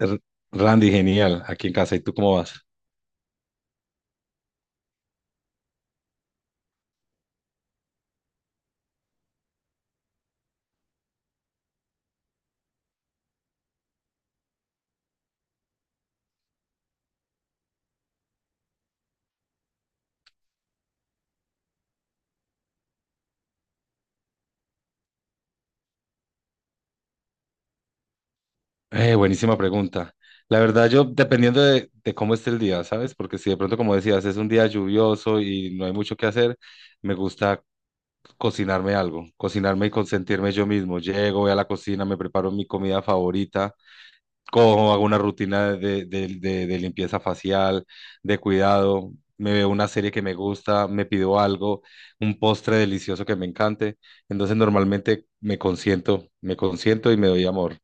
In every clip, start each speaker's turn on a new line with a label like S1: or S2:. S1: R- Randy, genial, aquí en casa. ¿Y tú cómo vas? Buenísima pregunta. La verdad, yo dependiendo de cómo esté el día, ¿sabes? Porque si de pronto, como decías, es un día lluvioso y no hay mucho que hacer, me gusta cocinarme algo, cocinarme y consentirme yo mismo. Llego, voy a la cocina, me preparo mi comida favorita, cojo, hago una rutina de limpieza facial, de cuidado, me veo una serie que me gusta, me pido algo, un postre delicioso que me encante. Entonces normalmente me consiento y me doy amor.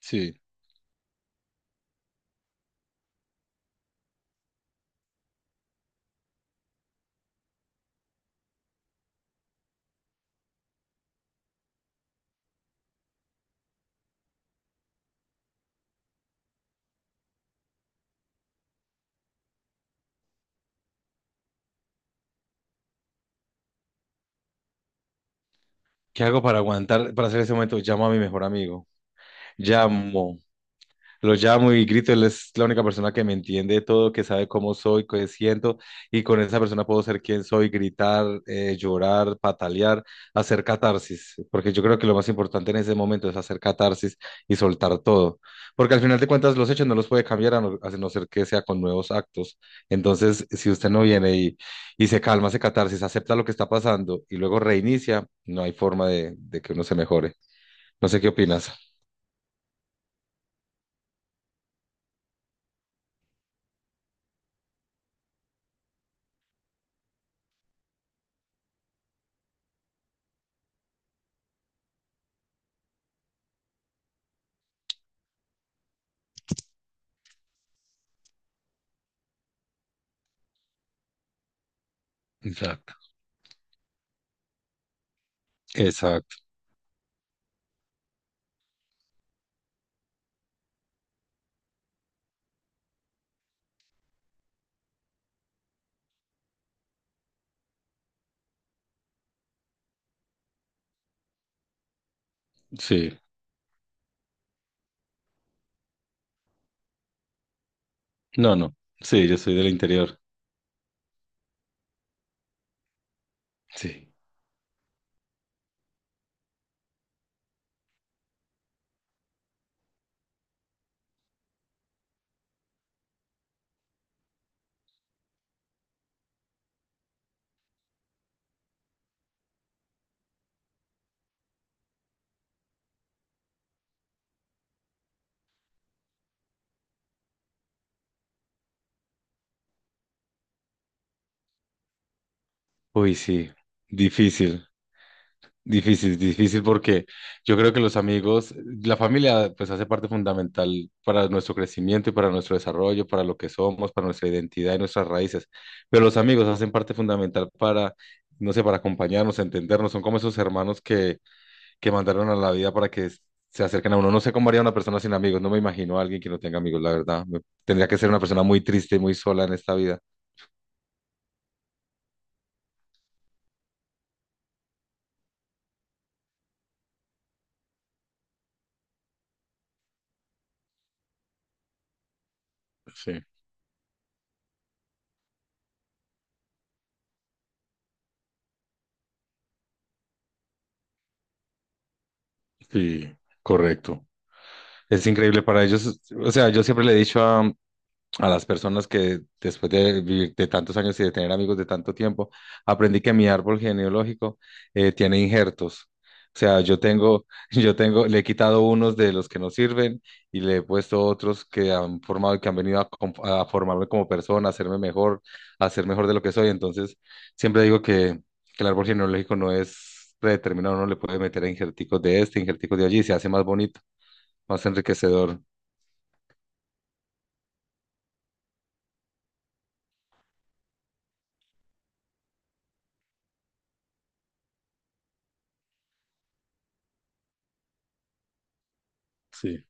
S1: Sí. ¿Qué hago para aguantar, para hacer ese momento? Llamo a mi mejor amigo. Llamo, lo llamo y grito, él es la única persona que me entiende de todo, que sabe cómo soy, qué siento, y con esa persona puedo ser quien soy, gritar, llorar, patalear, hacer catarsis, porque yo creo que lo más importante en ese momento es hacer catarsis y soltar todo, porque al final de cuentas los hechos no los puede cambiar a no ser que sea con nuevos actos. Entonces, si usted no viene y se calma, hace catarsis, acepta lo que está pasando y luego reinicia, no hay forma de que uno se mejore. No sé qué opinas. Exacto. Exacto, sí. No, no. Sí, yo soy del interior. Sí. Uy, sí. Difícil, difícil, difícil porque yo creo que los amigos, la familia, pues hace parte fundamental para nuestro crecimiento y para nuestro desarrollo, para lo que somos, para nuestra identidad y nuestras raíces. Pero los amigos hacen parte fundamental para, no sé, para acompañarnos, entendernos. Son como esos hermanos que mandaron a la vida para que se acerquen a uno. No sé cómo haría una persona sin amigos. No me imagino a alguien que no tenga amigos, la verdad. Me- tendría que ser una persona muy triste y muy sola en esta vida. Sí. Sí, correcto. Es increíble para ellos. O sea, yo siempre le he dicho a las personas que después de vivir de tantos años y de tener amigos de tanto tiempo, aprendí que mi árbol genealógico tiene injertos. O sea, yo tengo, yo tengo, le he quitado unos de los que no sirven y le he puesto otros que han formado y que han venido a, com- a formarme como persona, a hacerme mejor, a ser mejor de lo que soy. Entonces, siempre digo que el árbol genealógico no es predeterminado, uno le puede meter injerticos de este, injerticos de allí y se hace más bonito, más enriquecedor. Sí.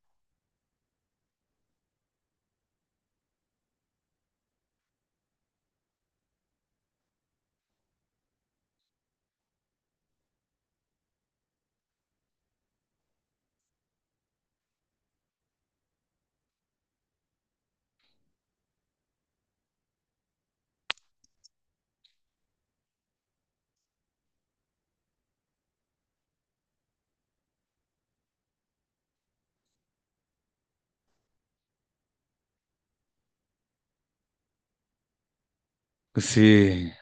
S1: Sí,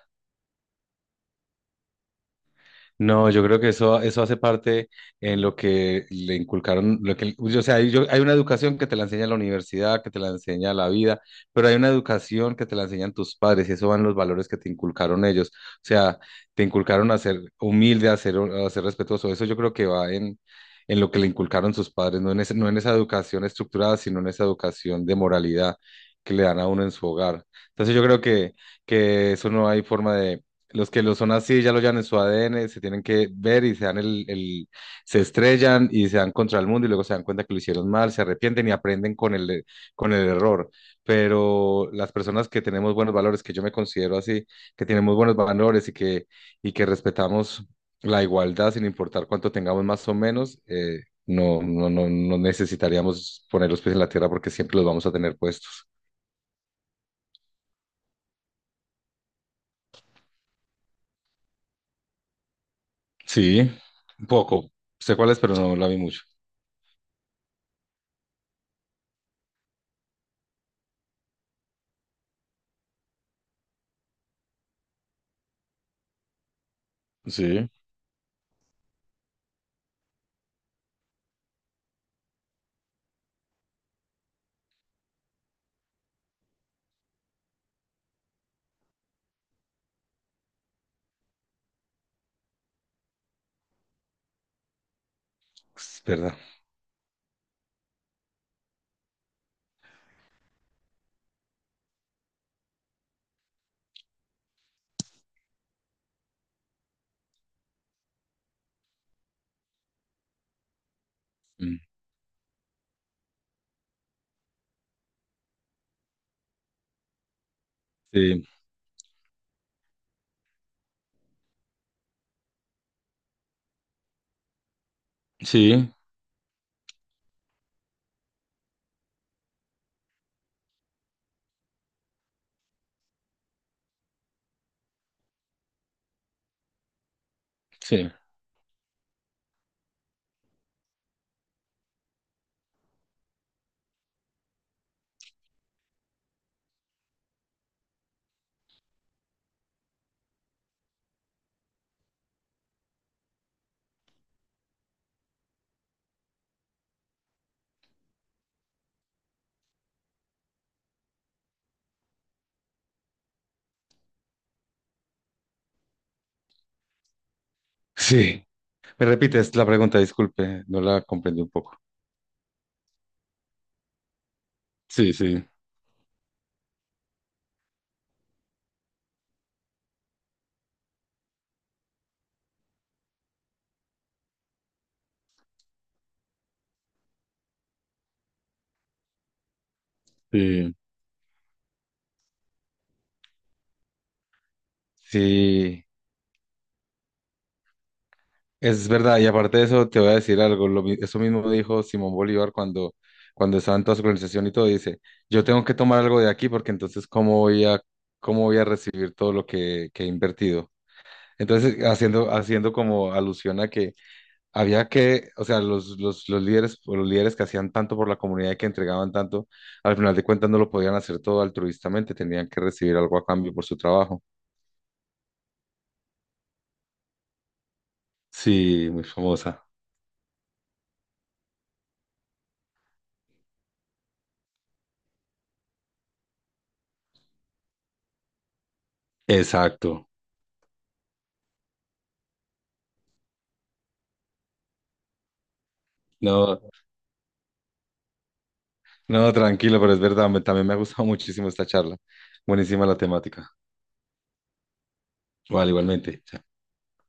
S1: no, yo creo que eso hace parte en lo que le inculcaron, lo que, o sea, hay- yo- hay una educación que te la enseña la universidad, que te la enseña la vida, pero hay una educación que te la enseñan tus padres y eso van los valores que te inculcaron ellos. O sea, te inculcaron a ser humilde, a ser respetuoso. Eso yo creo que va en lo que le inculcaron sus padres, no en ese- no en esa educación estructurada, sino en esa educación de moralidad que le dan a uno en su hogar. Entonces yo creo que eso no hay forma, los que lo son así ya lo llevan en su ADN, se tienen que ver y se dan el- se estrellan y se dan contra el mundo y luego se dan cuenta que lo hicieron mal, se arrepienten y aprenden con el error. Pero las personas que tenemos buenos valores, que yo me considero así, que tenemos buenos valores y que respetamos la igualdad sin importar cuánto tengamos más o menos, no, no, no, no necesitaríamos poner los pies en la tierra porque siempre los vamos a tener puestos. Sí, un poco. Sé cuál es, pero no la vi mucho. Sí. Es verdad. Mm. Sí, sí, sí, sí. Me repites la pregunta, disculpe, no la comprendí un poco. Sí, sí, sí, sí, es verdad. Y aparte de eso, te voy a decir algo. Lo mi- eso mismo dijo Simón Bolívar cuando, cuando estaba en toda su organización y todo. Dice, yo tengo que tomar algo de aquí porque entonces, cómo voy a recibir todo lo que he invertido? Entonces, haciendo, haciendo como alusión a que había que, o sea, los líderes, o los líderes que hacían tanto por la comunidad y que entregaban tanto, al final de cuentas no lo podían hacer todo altruistamente, tenían que recibir algo a cambio por su trabajo. Sí, muy famosa. Exacto. No, no, tranquilo, pero es verdad, me- también me ha gustado muchísimo esta charla. Buenísima la temática. Vale, igualmente. Chao.